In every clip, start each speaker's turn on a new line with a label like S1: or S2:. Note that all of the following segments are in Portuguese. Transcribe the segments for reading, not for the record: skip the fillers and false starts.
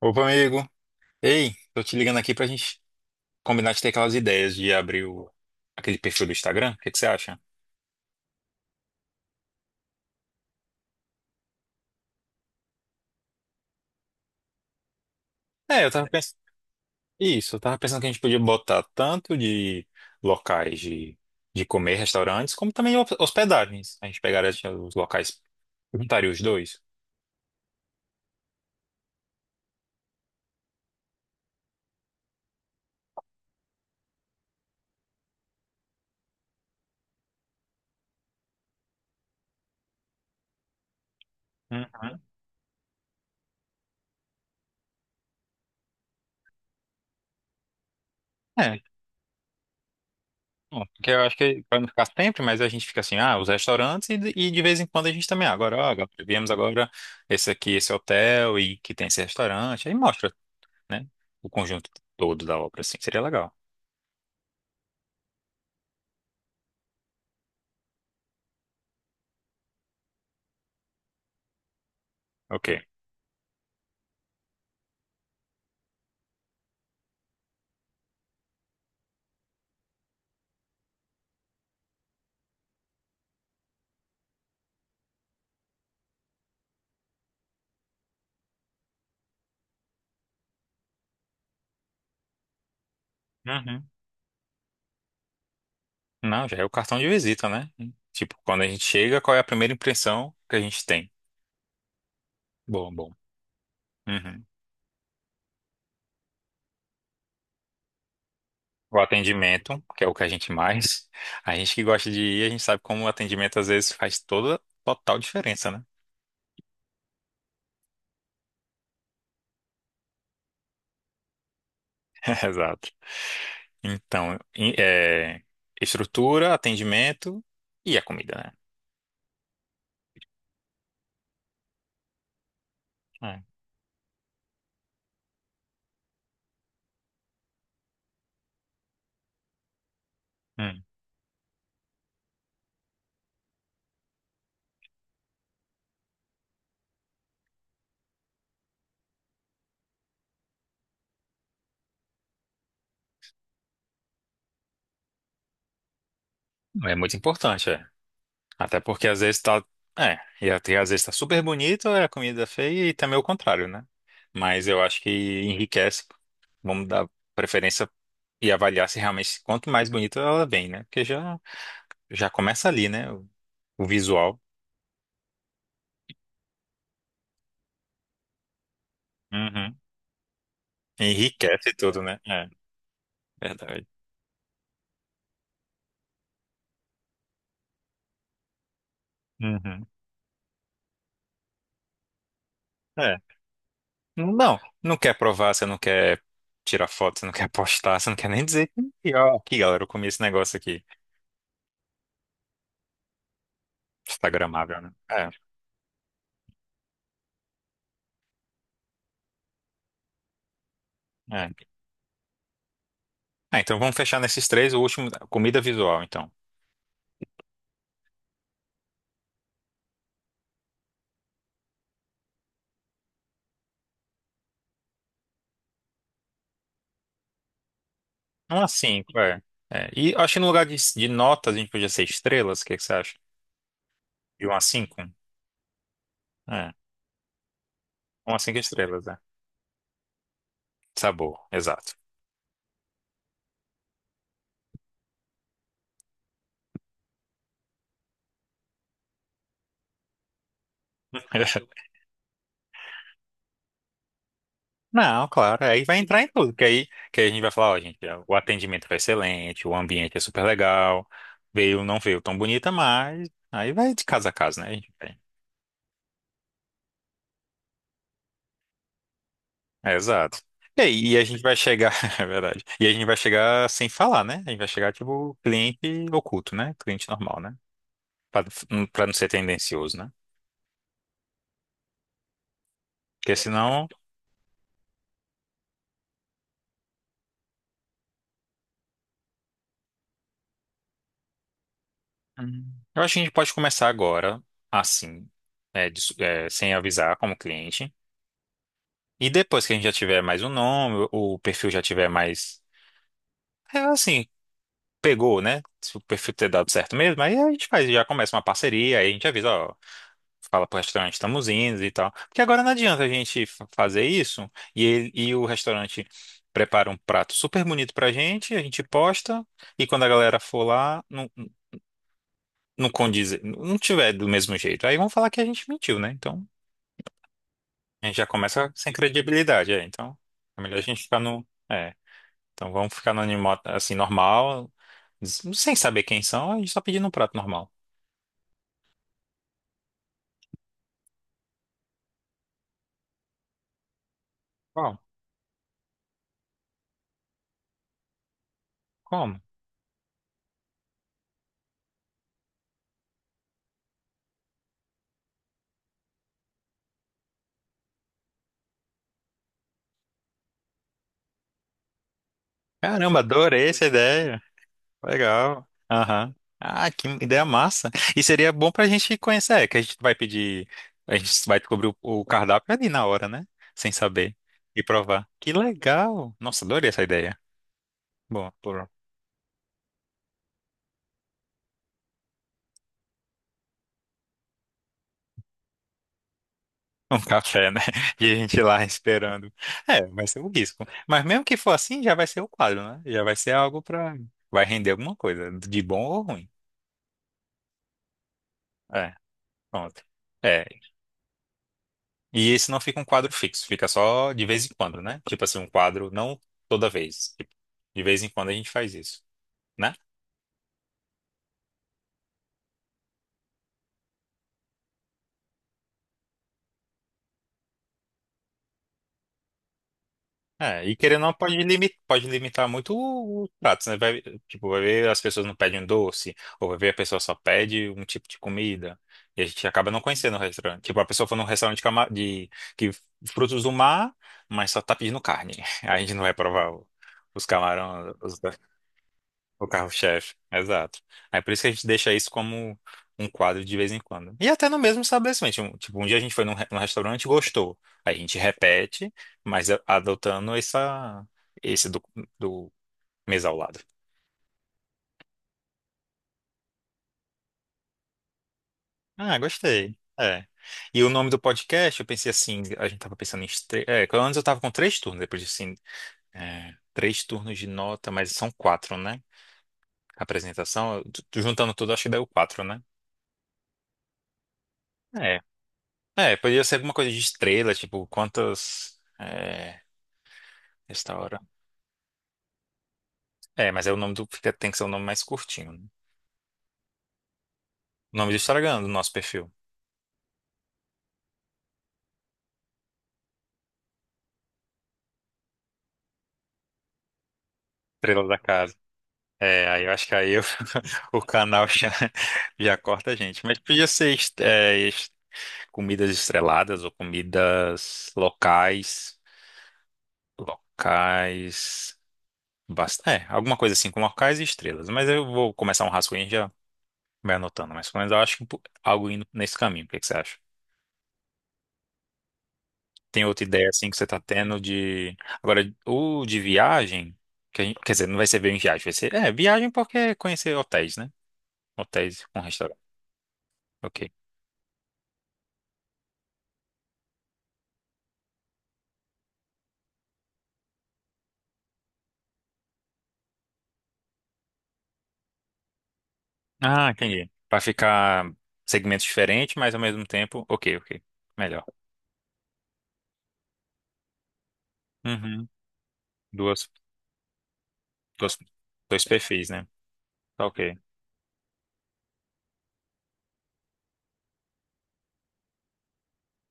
S1: Opa, amigo. Ei, tô te ligando aqui pra gente combinar de ter aquelas ideias de abrir aquele perfil do Instagram. O que que você acha? É, eu tava pensando. Isso, eu tava pensando que a gente podia botar tanto de locais de, comer, restaurantes, como também hospedagens. A gente pegaria assim, os locais, juntaria os dois. Uhum. É, bom, porque eu acho que vai não ficar sempre, mas a gente fica assim, ah, os restaurantes e, de vez em quando a gente também, ah, agora, ó, agora viemos agora esse aqui, esse hotel e que tem esse restaurante, aí mostra, né? O conjunto todo da obra, assim, seria legal. Ok. Uhum. Não, já é o cartão de visita, né? Tipo, quando a gente chega, qual é a primeira impressão que a gente tem? Bom, bom. Uhum. O atendimento, que é o que a gente mais. A gente que gosta de ir, a gente sabe como o atendimento às vezes faz toda total diferença, né? Exato. Então, estrutura, atendimento e a comida, né? É. Hum. É muito importante, é. Até porque às vezes tá. É, e até às vezes tá super bonito, é a comida é feia e também o contrário, né? Mas eu acho que enriquece. Vamos dar preferência e avaliar se realmente quanto mais bonita ela vem, né? Porque já, já começa ali, né? O visual. Uhum. Enriquece tudo, né? É, verdade. Uhum. É. Não, não quer provar, você não quer tirar foto, você não quer postar, você não quer nem dizer que, ó, aqui, galera, eu comi esse negócio aqui. Instagramável, né? É, é. Ah, então vamos fechar nesses três, o último, comida visual, então. Uma cinco, é. É, e acho que no lugar de, notas a gente podia ser estrelas, o que que você acha? De uma a cinco? É, uma a cinco estrelas, é. Sabor, exato. Não, claro, aí vai entrar em tudo, que aí a gente vai falar, ó, gente, o atendimento foi excelente, o ambiente é super legal, veio, não veio tão bonita, mas aí vai de casa a casa, né? A gente vai. É, exato. É, e aí, e a gente vai chegar, é verdade. E a gente vai chegar sem falar, né? A gente vai chegar tipo cliente oculto, né? Cliente normal, né? Pra, pra não ser tendencioso, né? Porque senão. Hum. Eu acho que a gente pode começar agora, assim, é, sem avisar como cliente. E depois que a gente já tiver mais um nome, o perfil já tiver mais, é, assim, pegou, né? Se o perfil ter dado certo mesmo, aí a gente faz, já começa uma parceria, aí a gente avisa, ó, fala pro restaurante, estamos indo e tal. Porque agora não adianta a gente fazer isso e, ele, e o restaurante prepara um prato super bonito pra gente, a gente posta, e quando a galera for lá, não, não condiz, não tiver do mesmo jeito. Aí vão falar que a gente mentiu, né? Então, a gente já começa sem credibilidade, é. Então, é melhor a gente ficar no. É, então vamos ficar no assim, normal, sem saber quem são, a gente só pedindo um prato normal. Qual. Como? Caramba, adorei essa ideia. Legal. Aham. Ah, que ideia massa. E seria bom pra gente conhecer, é, que a gente vai pedir, a gente vai descobrir o cardápio ali na hora, né? Sem saber. E provar. Que legal. Nossa, adorei essa ideia. Bom, por um café, né? E a gente lá esperando. É, vai ser o risco. Mas mesmo que for assim, já vai ser o quadro, né? Já vai ser algo pra. Vai render alguma coisa, de bom ou ruim. É, pronto. É, e esse não fica um quadro fixo, fica só de vez em quando, né? Tipo assim, um quadro, não toda vez. Tipo, de vez em quando a gente faz isso, né? É, e querendo ou não, pode limitar muito o prato, né? Vai, tipo, vai ver as pessoas não pedem um doce, ou vai ver a pessoa só pede um tipo de comida, e a gente acaba não conhecendo o restaurante. Tipo, a pessoa foi num restaurante de que frutos do mar, mas só tá pedindo carne. A gente não vai provar os camarões. O carro-chefe, exato. Aí por isso que a gente deixa isso como um quadro de vez em quando. E até no mesmo estabelecimento. Tipo, um dia a gente foi num restaurante e gostou. Aí a gente repete, mas adotando essa, esse do, do mesa ao lado. Ah, gostei. É. E o nome do podcast, eu pensei assim, a gente tava pensando em, que antes eu tava com três turnos, depois disse assim, é, três turnos de nota, mas são quatro, né? A apresentação, tu juntando tudo, acho que deu quatro, né? É. É, podia ser alguma coisa de estrela, tipo, quantas. É, restaurante. É, mas é o nome do. Tem que ser o nome mais curtinho, né? O nome do Instagram do nosso perfil. Estrela da Casa. É, aí eu acho que aí eu- o canal já, já corta a gente. Mas podia ser comidas estreladas ou comidas locais. Locais. Basta, é, alguma coisa assim, com locais e estrelas. Mas eu vou começar um rascunho e já vai anotando. Mas pelo menos eu acho que um algo indo nesse caminho. O que que você acha? Tem outra ideia assim que você tá tendo de. Agora, o de viagem, que quer dizer, não vai ser bem viagem, vai ser. É, viagem porque é conhecer hotéis, né? Hotéis com restaurante. Ok. Ah, entendi. Pra ficar segmentos diferentes, mas ao mesmo tempo. Ok, ok. Melhor. Uhum. Duas, duas, dois perfis, né? Tá ok.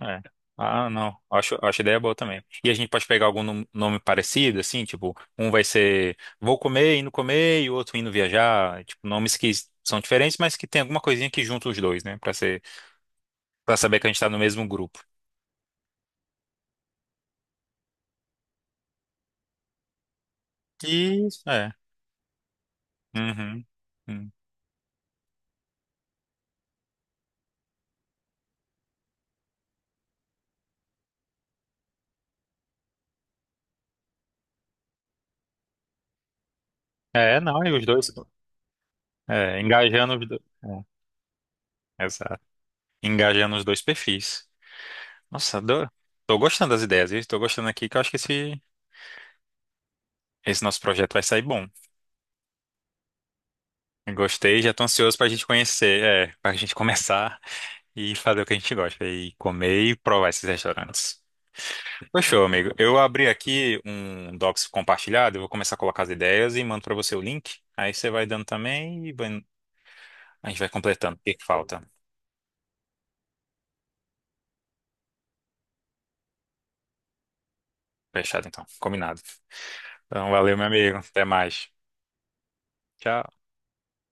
S1: É. Ah, não. Acho ideia boa também. E a gente pode pegar algum nome parecido, assim, tipo, um vai ser vou comer, indo comer, e o outro indo viajar. Tipo, nomes que são diferentes, mas que tem alguma coisinha que junta os dois, né? Pra saber que a gente tá no mesmo grupo. Isso, é. Uhum. Hum. É, não, e os dois. É, engajando os dois. É, exato. Engajando os dois perfis. Nossa, adoro. Tô gostando das ideias, viu? Tô gostando aqui que eu acho que esse nosso projeto vai sair bom. Gostei, já tô ansioso pra gente conhecer, é, pra gente começar e fazer o que a gente gosta, e comer e provar esses restaurantes. Fechou, amigo. Eu abri aqui um docs compartilhado, eu vou começar a colocar as ideias e mando pra você o link. Aí você vai dando também e a gente vai completando. O que que falta? Fechado, então. Combinado. Então, valeu, meu amigo. Até mais. Tchau.